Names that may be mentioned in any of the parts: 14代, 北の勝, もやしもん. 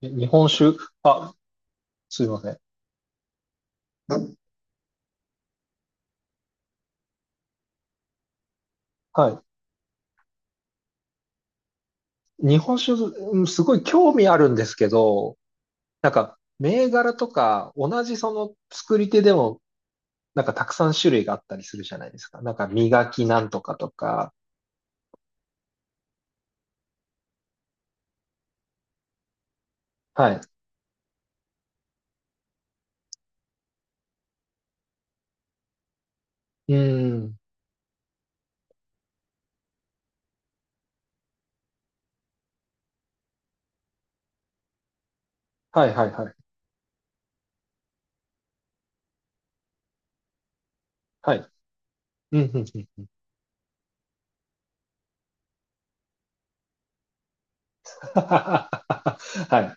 日本酒、あ、すいません。はい。日本酒、すごい興味あるんですけど、なんか、銘柄とか、同じその作り手でも、なんかたくさん種類があったりするじゃないですか。なんか、磨きなんとかとか。はい。うん。はいはいはい。はい。うんうんうん。は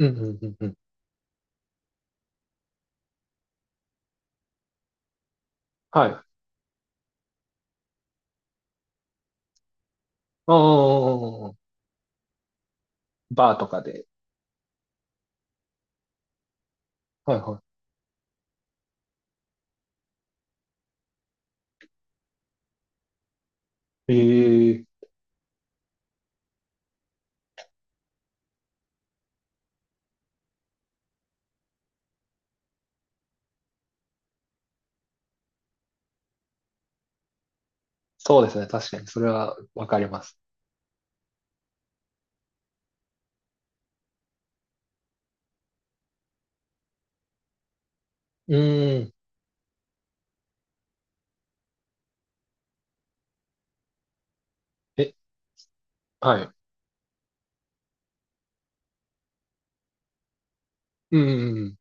い。うんうんうんうん。はい。うんうんうんうん。バーとかで。はいはい。ええ、そうですね。確かに、それはわかります。うーん。え、はい。うんうんうん。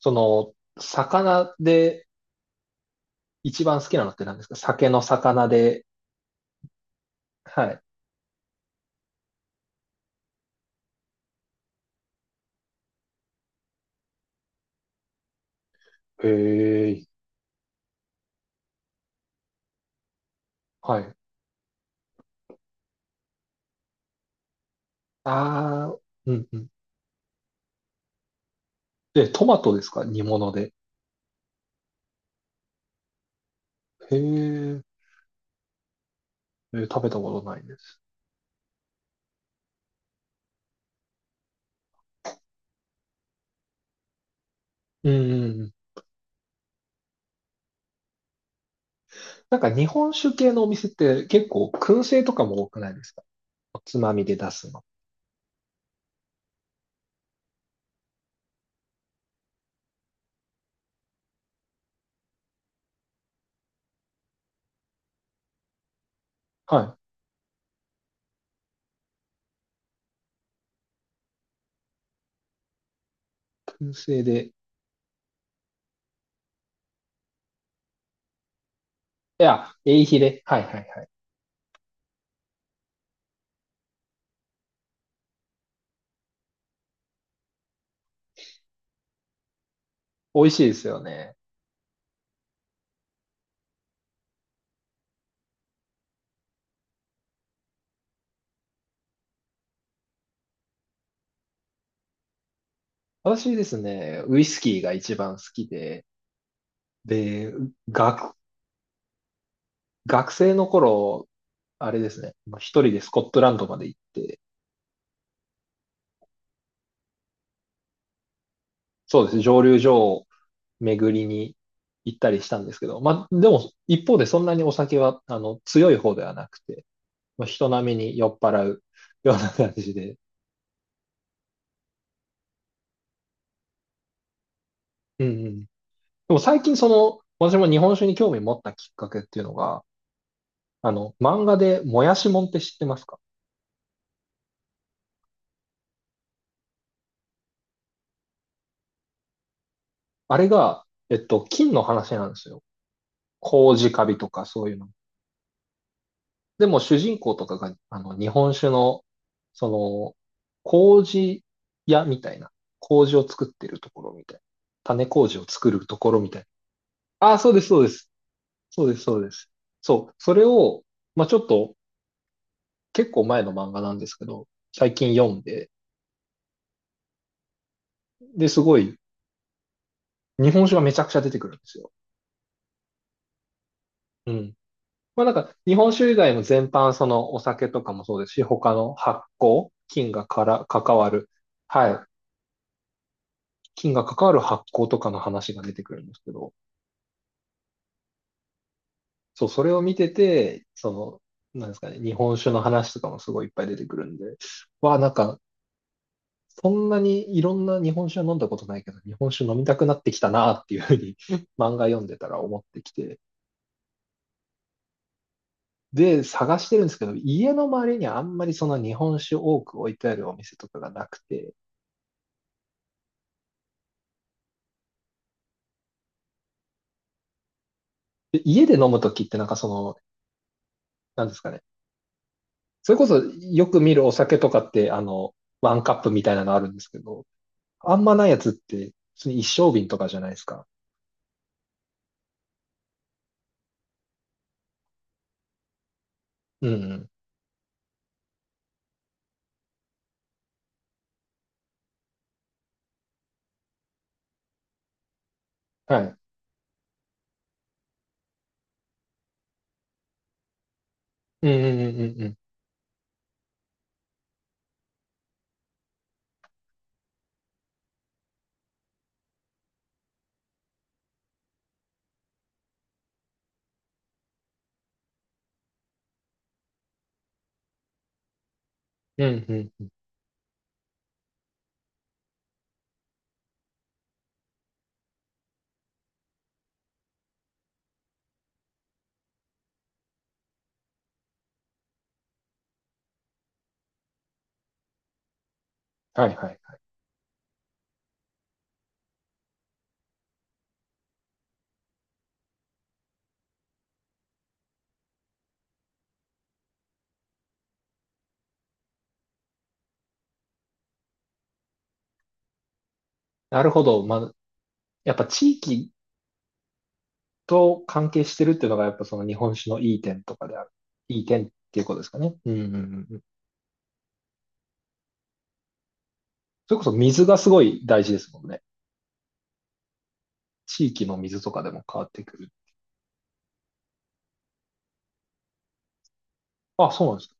その、魚で一番好きなのって何ですか、酒の魚で。はい。へえ。はい。ああ、うんうん。え、トマトですか、煮物で。へえ、え食べたことないです。うんうんうん。なんか日本酒系のお店って結構燻製とかも多くないですか、おつまみで出すの。はい。燻製で。いや、エイヒレ。はいはいはい。美味しいですよね。私ですね、ウイスキーが一番好きで、で、学学生の頃、あれですね、まあ一人でスコットランドまで行って、そうですね、蒸留所を巡りに行ったりしたんですけど、まあ、でも、一方でそんなにお酒は、あの、強い方ではなくて、まあ、人並みに酔っ払う ような感じで、うんうん。でも最近その、私も日本酒に興味持ったきっかけっていうのが、あの、漫画でもやしもんって知ってますか？あれが、金の話なんですよ。麹カビとかそういうの。でも主人公とかが、あの、日本酒の、その、麹屋みたいな、麹を作ってるところみたいな、種麹を作るところみたいな。ああ、そうです、そうです。そうです、そうです。そう、それを、まあちょっと、結構前の漫画なんですけど、最近読んで、で、すごい、日本酒がめちゃくちゃ出てくるんですよ。うん。まあなんか、日本酒以外も全般、そのお酒とかもそうですし、他の発酵、菌がから関わる、はい、金が関わる発行とかの話が出てくるんですけど、そう、それを見てて、その、なんですかね、日本酒の話とかもすごいいっぱい出てくるんで、わあ、なんか、そんなにいろんな日本酒は飲んだことないけど、日本酒飲みたくなってきたなっていうふうに 漫画読んでたら思ってきて、で、探してるんですけど、家の周りにあんまりその日本酒多く置いてあるお店とかがなくて、で家で飲むときってなんかその、なんですかね、それこそよく見るお酒とかって、あの、ワンカップみたいなのあるんですけど、あんまないやつって、普通に一升瓶とかじゃないですか。うんうん。はい。うんうんうんうんうん。うんうん。はいはいはい。なるほど。まあ、やっぱ地域と関係してるっていうのが、やっぱその日本酒のいい点とかである。いい点っていうことですかね。うんうんうんうん。それこそ水がすごい大事ですもんね。地域の水とかでも変わってくる。あ、そうなんです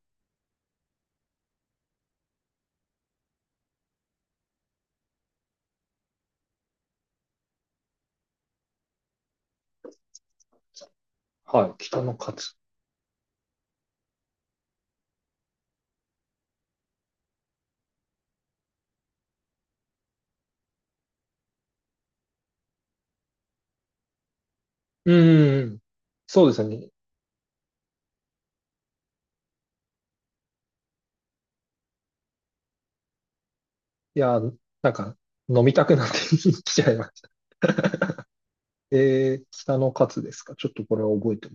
か。はい。北の勝つ。うんうんうん。そうですよね。いや、なんか飲みたくなって きちゃいました。えー、北の勝つですか。ちょっとこれを覚えて、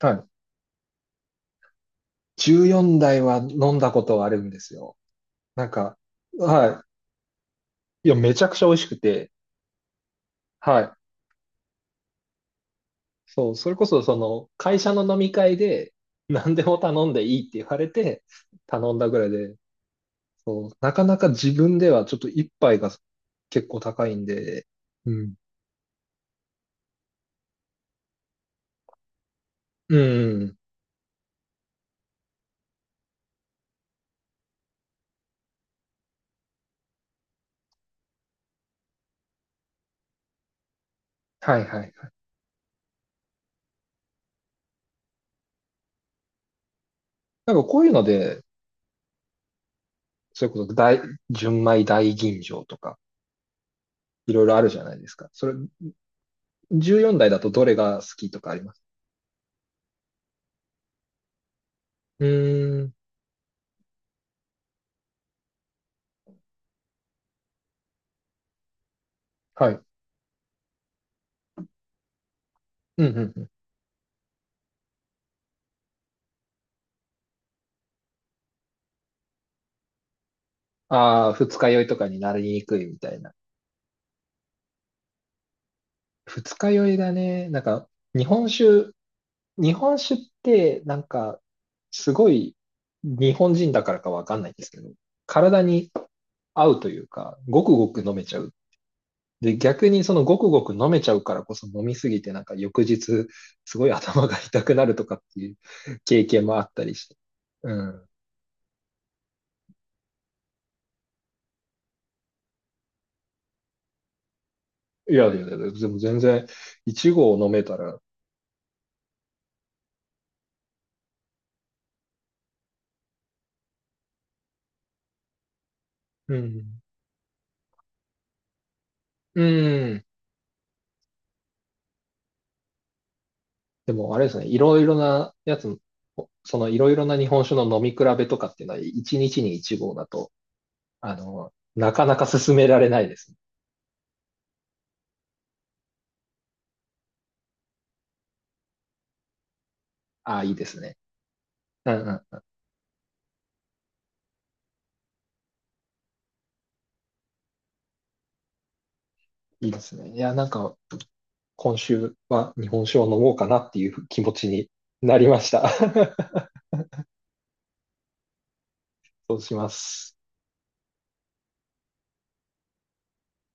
はい。14代は飲んだことがあるんですよ。なんか、はい。いや、めちゃくちゃ美味しくて、はい。そう、それこそ、その、会社の飲み会で、何でも頼んでいいって言われて、頼んだぐらいで、そう、なかなか自分ではちょっと一杯が結構高いんで、うん。うん。はいはいはい。なんかこういうので、それこそ大、純米大吟醸とか、いろいろあるじゃないですか。それ、14代だいだとどれが好きとかあります？うーん。はい、うんうんうん。ああ、二日酔いとかになりにくいみたいな。二日酔いだね。なんか、日本酒、日本酒って、なんか、すごい、日本人だからかわかんないんですけど、体に合うというか、ごくごく飲めちゃう。で、逆にそのごくごく飲めちゃうからこそ飲みすぎて、なんか翌日、すごい頭が痛くなるとかっていう 経験もあったりして。うん。いやいやいや、でも全然、一合飲めたら、うん。うん。でも、あれですね、いろいろなやつ、そのいろいろな日本酒の飲み比べとかっていうのは、1日に1合だと、あの、なかなか進められないですね。ああ、いいですね。うんうん。いいですね。いや、なんか、今週は日本酒を飲もうかなっていう気持ちになりました。そうします。